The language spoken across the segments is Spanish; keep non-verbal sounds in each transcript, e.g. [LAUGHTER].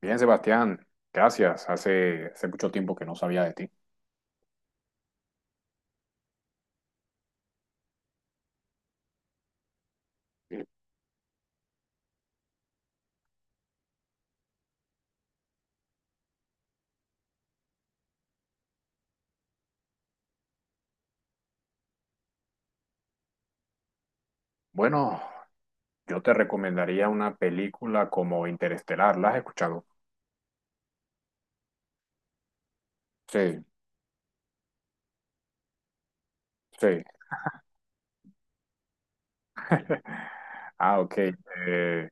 Bien, Sebastián, gracias. Hace mucho tiempo que no sabía de ti. Bueno, yo te recomendaría una película como Interestelar. ¿La has escuchado? Sí, sí. [LAUGHS] Ah, ok. Eh,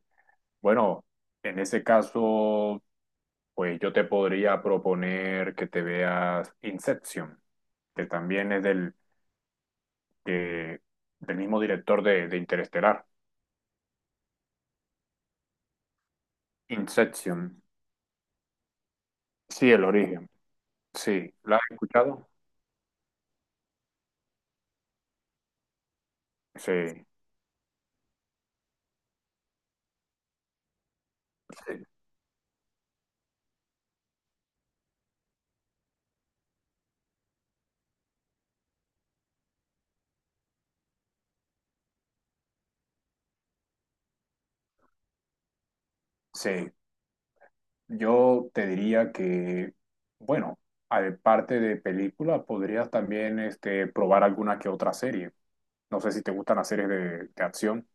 bueno, en ese caso, pues yo te podría proponer que te veas Inception, que también es del, que- del mismo director de Interestelar. Inception. Sí, el origen. Sí. ¿La has escuchado? Sí. Sí. Sí. Yo te diría que, bueno, aparte de películas, podrías también este, probar alguna que otra serie. No sé si te gustan las series de acción.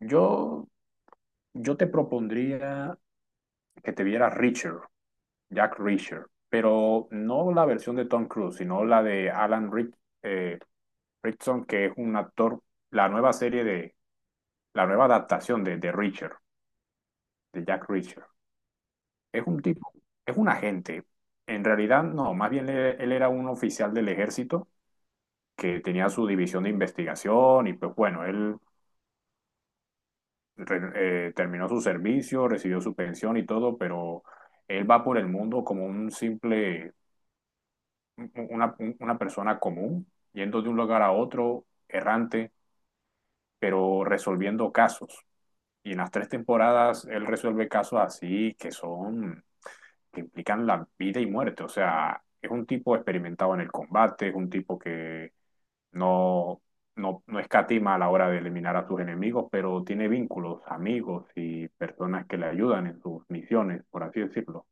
Yo, yo te propondría que te vieras Reacher, Jack Reacher, pero no la versión de Tom Cruise, sino la de Alan Rick, eh, Rickson, que es un actor, la nueva serie de, la nueva adaptación de Reacher, de Jack Reacher. Es un tipo, es un agente. En realidad, no, más bien él era un oficial del ejército que tenía su división de investigación y pues bueno, él terminó su servicio, recibió su pensión y todo, pero él va por el mundo como un simple, una persona común, yendo de un lugar a otro, errante, pero resolviendo casos. Y en las tres temporadas él resuelve casos así que son que implican la vida y muerte. O sea, es un tipo experimentado en el combate, es un tipo que no, no escatima a la hora de eliminar a sus enemigos, pero tiene vínculos, amigos y personas que le ayudan en sus misiones, por así decirlo.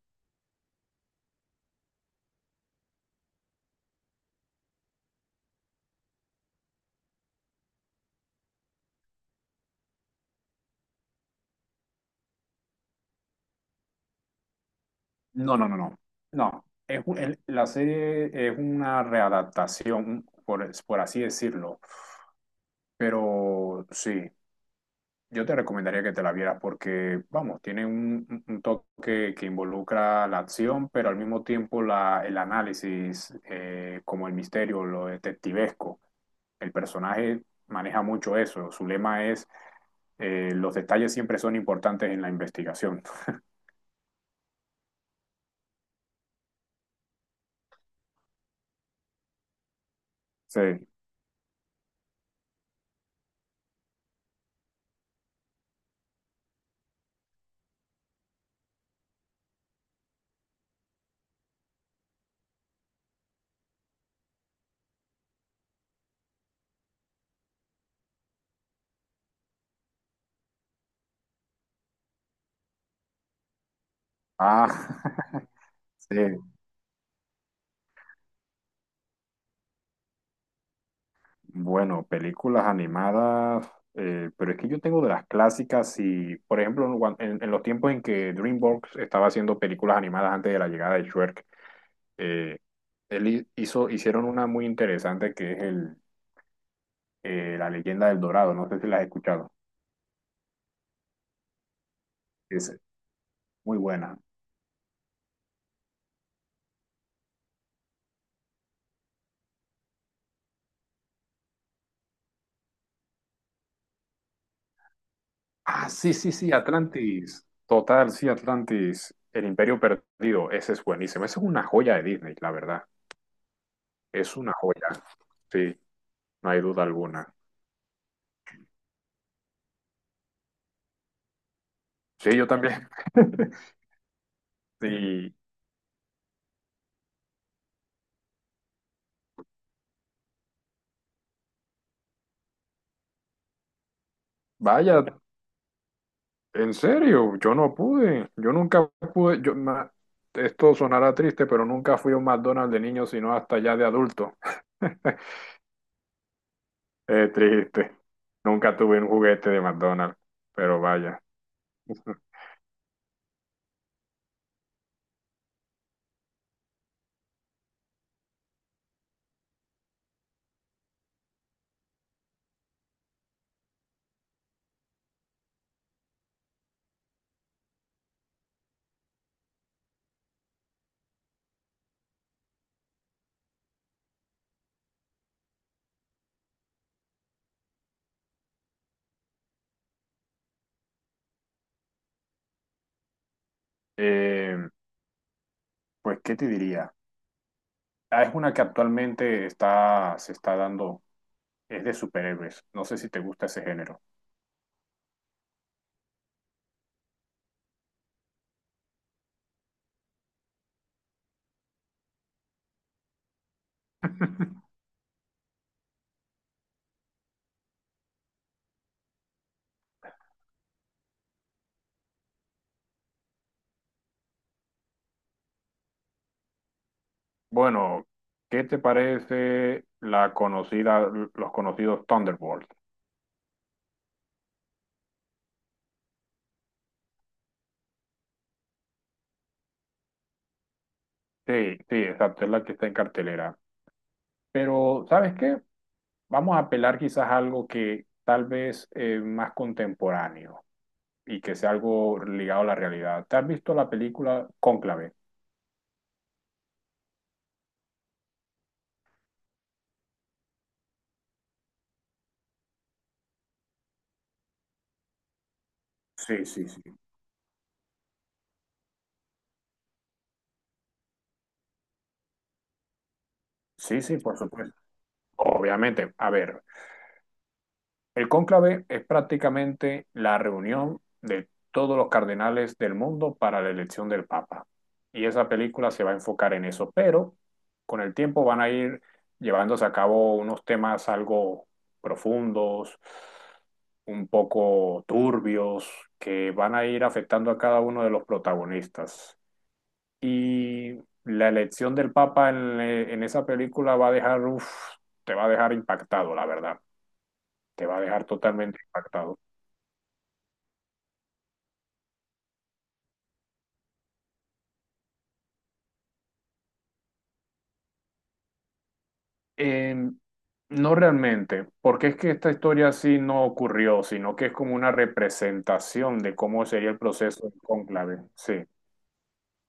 No, no, no, no. No, es la serie es una readaptación, por así decirlo, pero sí. Yo te recomendaría que te la vieras porque, vamos, tiene un, un toque que involucra la acción, pero al mismo tiempo el análisis, como el misterio, lo detectivesco. El personaje maneja mucho eso. Su lema es, los detalles siempre son importantes en la investigación. Sí. Ah, [LAUGHS] sí. Bueno, películas animadas, pero es que yo tengo de las clásicas y, por ejemplo, en los tiempos en que DreamWorks estaba haciendo películas animadas antes de la llegada de Shrek, eh, hizo, hicieron una muy interesante que es el, La leyenda del Dorado, no sé si la has escuchado, es muy buena. Ah, sí, sí, sí, Atlantis, total, sí, Atlantis, El Imperio Perdido, ese es buenísimo, esa es una joya de Disney, la verdad, es una joya, sí, no hay duda alguna. Sí, yo también. [LAUGHS] Y vaya, en serio, yo no pude. Yo nunca pude. Esto sonará triste, pero nunca fui a un McDonald's de niño, sino hasta ya de adulto. [LAUGHS] Es triste. Nunca tuve un juguete de McDonald's, pero vaya. Eh, pues, ¿qué te diría? Ah, es una que actualmente está, se está dando, es de superhéroes. No sé si te gusta ese género. [LAUGHS] Bueno, ¿qué te parece la conocida, los conocidos Thunderbolts? Sí, sí, exacto, es la que está en cartelera. Pero, ¿sabes qué? Vamos a apelar quizás a algo que tal vez más contemporáneo y que sea algo ligado a la realidad. ¿Te has visto la película Cónclave? Sí, sí, sí. Sí, sí, por supuesto. Obviamente, a ver, el cónclave es prácticamente la reunión de todos los cardenales del mundo para la elección del Papa. Y esa película se va a enfocar en eso, pero con el tiempo van a ir llevándose a cabo unos temas algo profundos, un poco turbios, que van a ir afectando a cada uno de los protagonistas. Y la elección del Papa en esa película va a dejar, uf, te va a dejar impactado, la verdad te va a dejar totalmente impactado. Eh, no realmente, porque es que esta historia así no ocurrió, sino que es como una representación de cómo sería el proceso del cónclave. Sí,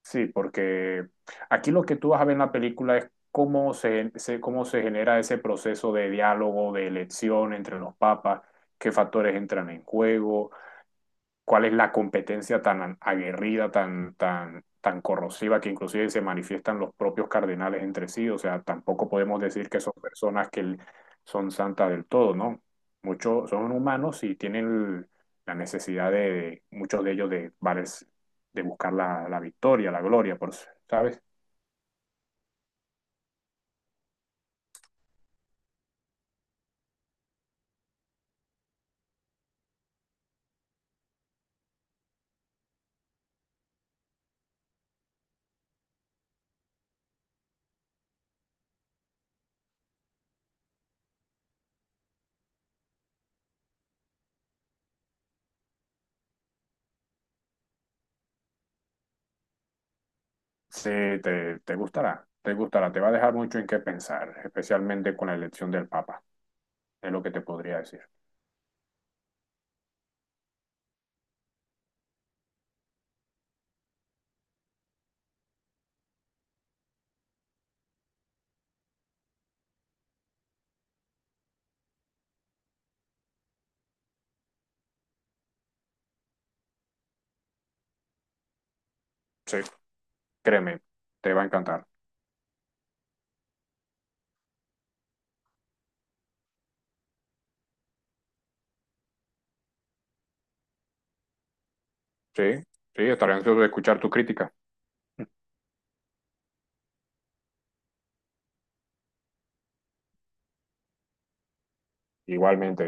sí, porque aquí lo que tú vas a ver en la película es cómo cómo se genera ese proceso de diálogo, de elección entre los papas, qué factores entran en juego cuál es la competencia tan aguerrida, tan corrosiva que inclusive se manifiestan los propios cardenales entre sí. O sea, tampoco podemos decir que son personas que son santas del todo, ¿no? Muchos son humanos y tienen la necesidad de, muchos de ellos de, de buscar la, la victoria, la gloria, por, ¿sabes? Sí, te gustará, te gustará, te va a dejar mucho en qué pensar, especialmente con la elección del Papa, es lo que te podría decir. Sí, créeme, te va a encantar. Sí, sí, estaré ansioso de escuchar tu crítica. Igualmente.